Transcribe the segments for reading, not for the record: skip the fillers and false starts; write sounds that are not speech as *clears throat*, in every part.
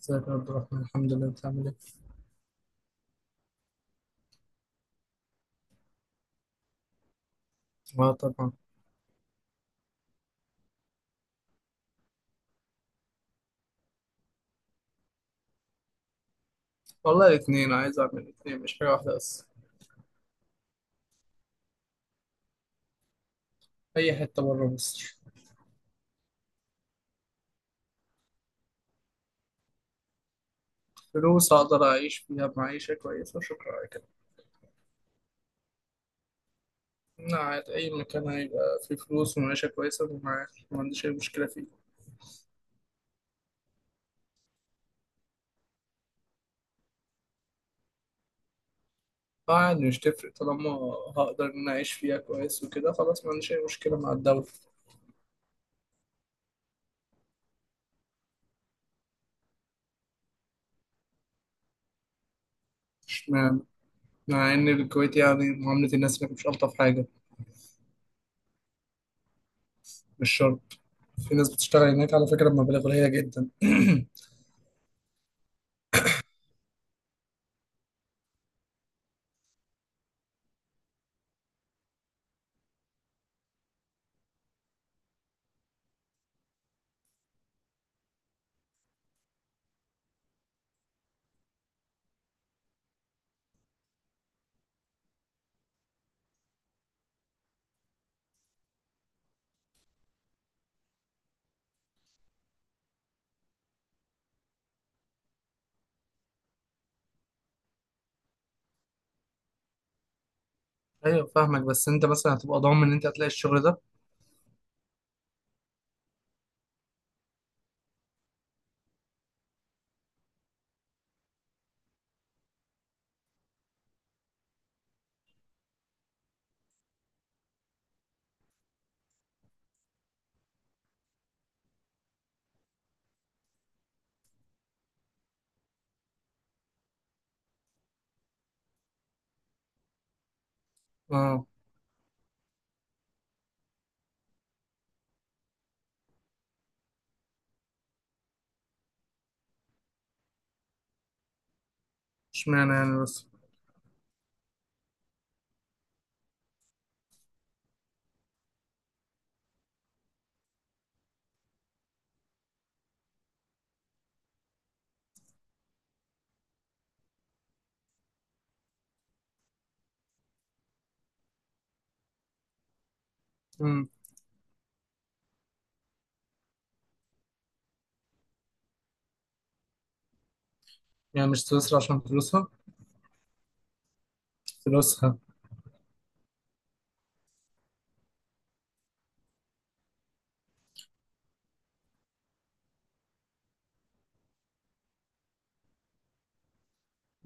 ازيك يا عبد الرحمن، الحمد لله، انت عامل ايه؟ اه طبعا. والله الاثنين، عايز اعمل الاثنين مش حاجة واحدة بس. اي حتة بره مصر. فلوس اقدر اعيش فيها معيشة كويسة وشكرا على كده. انا قاعد اي مكان هيبقى فيه فلوس ومعيشة كويسة، ما عنديش اي مشكلة فيه. قاعد مش تفرق، طالما هقدر ان أنا اعيش فيها كويس وكده خلاص، ما عنديش اي مشكلة مع الدولة. اشمعنى؟ مع ان الكويت يعني معاملة الناس هناك مش الطف حاجة. مش شرط. في ناس بتشتغل هناك على فكرة بمبالغ قليلة جدا. *clears throat* ايوه فاهمك، بس انت مثلا هتبقى ضامن ان انت هتلاقي الشغل ده؟ اه. اشمعنى يعني؟ بس امم. يعني مش سويسرا عشان فلوسها؟ فلوسها.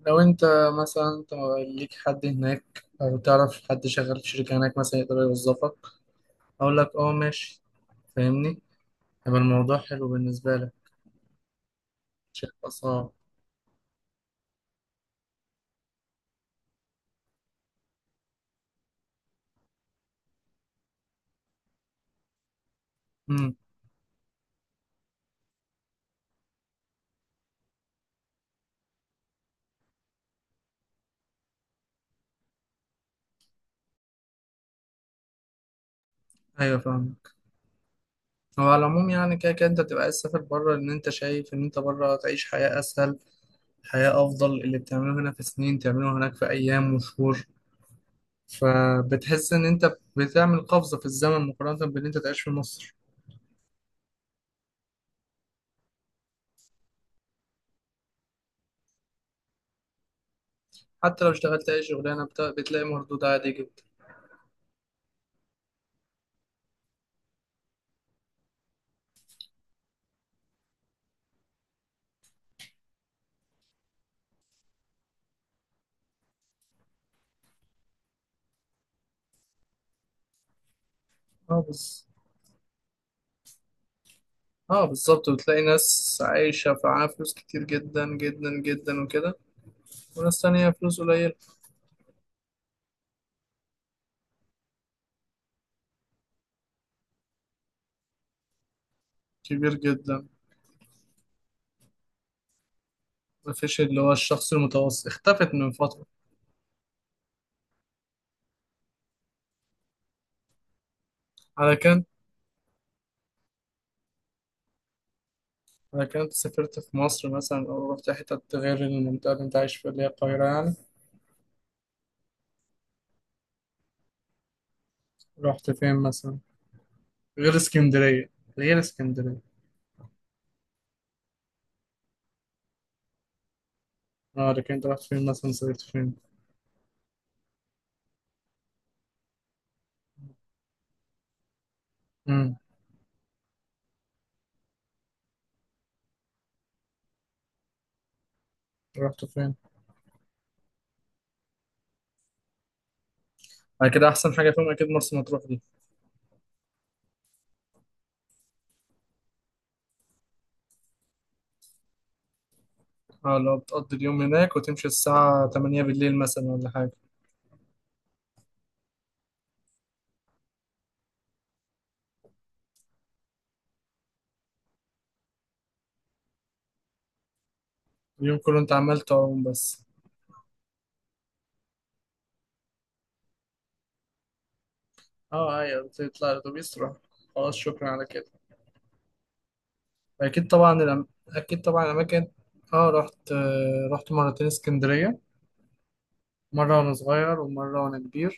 لو انت مثلا، انت ليك حد هناك او تعرف حد شغال في شركة هناك مثلا يقدر يوظفك، اقول لك اه ماشي، فاهمني؟ هيبقى الموضوع حلو بالنسبة لك. مش هيبقى صعب. امم. ايوه فاهمك. هو على العموم يعني كده كده انت بتبقى عايز تسافر بره، ان انت شايف ان انت بره تعيش حياة اسهل، حياة افضل. اللي بتعمله هنا في سنين تعمله هناك في ايام وشهور. فبتحس ان انت بتعمل قفزة في الزمن مقارنة بان انت تعيش في مصر. حتى لو اشتغلت اي شغلانة بتلاقي مردود عالي جدا. اه بس. اه بالظبط، وبتلاقي ناس عايشة معاها فلوس كتير جدا جدا جدا وكده، وناس تانية فلوس قليل. كبير جدا. مفيش اللي هو الشخص المتوسط، اختفت من فترة. على كان على كان أنت سافرت في مصر مثلا أو رحت حتة غير المنطقة اللي أنت عايش فيها اللي هي القاهرة، يعني؟ رحت فين مثلا؟ غير اسكندرية. غير اسكندرية. اه لكن انت رحت فين مثلا؟ صيفت فين؟ امم. رحت فين؟ بعد كده احسن حاجه فيهم اكيد مرسى مطروح دي. اه لو بتقضي اليوم هناك وتمشي الساعه 8 بالليل مثلا ولا حاجه. اليوم كله انت عمال تعوم بس. اه ايوه، بتطلع الاتوبيس تروح خلاص، شكرا على كده. اكيد طبعا اكيد طبعا الاماكن. اه رحت، آه رحت مرتين اسكندريه، مره وانا صغير ومره وانا كبير.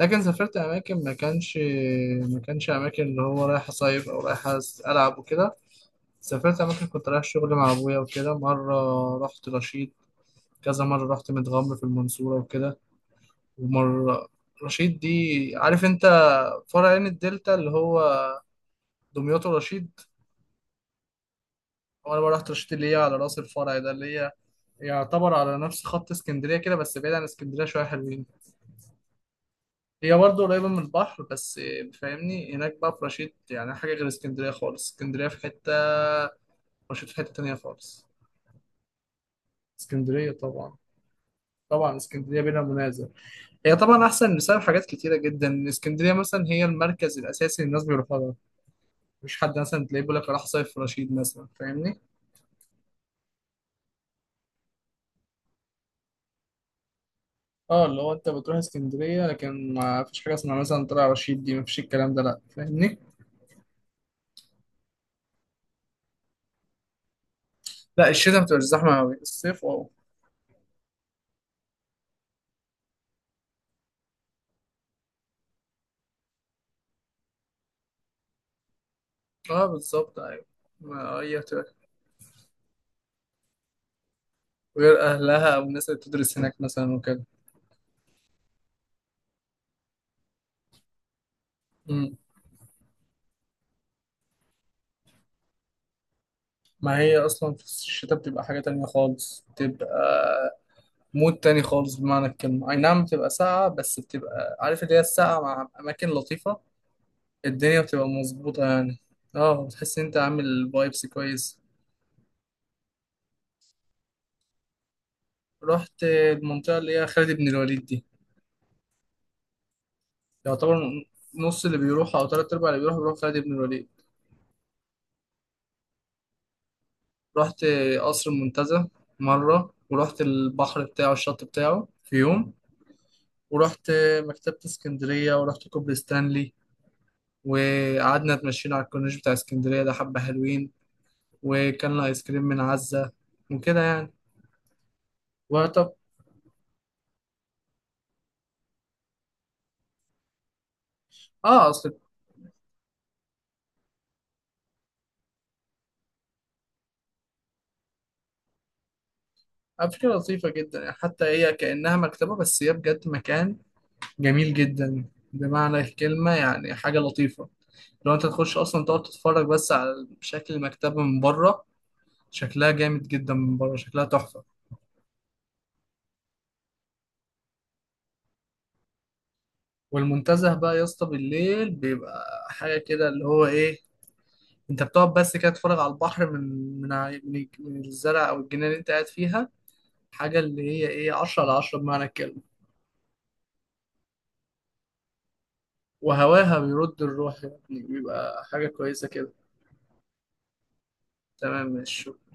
لكن سافرت اماكن ما كانش اماكن اللي هو رايح اصيف او رايح العب وكده. سافرت أماكن كنت رايح شغل مع أبويا وكده، مرة رحت رشيد، كذا مرة رحت متغمر في المنصورة وكده، ومرة رشيد دي. عارف أنت فرع عين الدلتا اللي هو دمياط ورشيد؟ وأنا بقى رحت رشيد اللي هي على رأس الفرع ده، اللي هي يعتبر على نفس خط اسكندرية كده بس بعيد عن اسكندرية شوية، حلوين. هي برضه قريبة من البحر بس، فاهمني؟ هناك بقى في رشيد يعني حاجة غير اسكندرية خالص. اسكندرية في حتة، رشيد في حتة تانية خالص. اسكندرية طبعا. طبعا اسكندرية بلا منازع. هي طبعا احسن بسبب حاجات كتيره جدا. اسكندريه مثلا هي المركز الاساسي اللي الناس بيروحوا لها. مفيش حد مثلا تلاقيه بيقول لك راح صيف في رشيد مثلا، فاهمني؟ اه اللي هو انت بتروح اسكندريه لكن ما فيش حاجه اسمها مثلا طلع رشيد دي، مفيش الكلام ده لا، فاهمني؟ لا، الشتاء بتبقى زحمه قوي، الصيف واو. اه بالظبط ايوه. ما هي بتبقى غير اهلها او الناس اللي بتدرس هناك مثلا وكده. امم. ما هي اصلا في الشتاء بتبقى حاجه تانية خالص، بتبقى مود تاني خالص بمعنى الكلمة. أي نعم بتبقى ساقعة، بس بتبقى عارف اللي هي الساقعة مع أماكن لطيفة. الدنيا بتبقى مظبوطة يعني. اه بتحس إن أنت عامل فايبس كويس. رحت المنطقة اللي هي خالد بن الوليد دي. يعتبر نص اللي بيروح أو تلات أرباع اللي بيروح بيروح خالد بن الوليد. رحت قصر المنتزه مرة، ورحت البحر بتاعه الشط بتاعه في يوم، ورحت مكتبة اسكندرية، ورحت كوبري ستانلي، وقعدنا اتمشينا على الكورنيش بتاع اسكندرية ده، حبة حلوين. وكان ايس كريم من عزة وكده يعني. وطب اه اصل. على فكرة لطيفة جدا يعني، حتى هي كأنها مكتبة بس هي بجد مكان جميل جدا بمعنى الكلمة، يعني حاجة لطيفة. لو انت تخش اصلا تقعد تتفرج بس على شكل المكتبة من بره، شكلها جامد جدا من بره، شكلها تحفة. والمنتزه بقى يا اسطى بالليل بيبقى حاجة كده اللي هو ايه، انت بتقعد بس كده تتفرج على البحر من الزرع او الجنينة اللي انت قاعد فيها. حاجة اللي هي ايه، 10 على 10 بمعنى الكلمة. وهواها بيرد الروح، يعني بيبقى حاجة كويسة كده. تمام ماشي شكراً.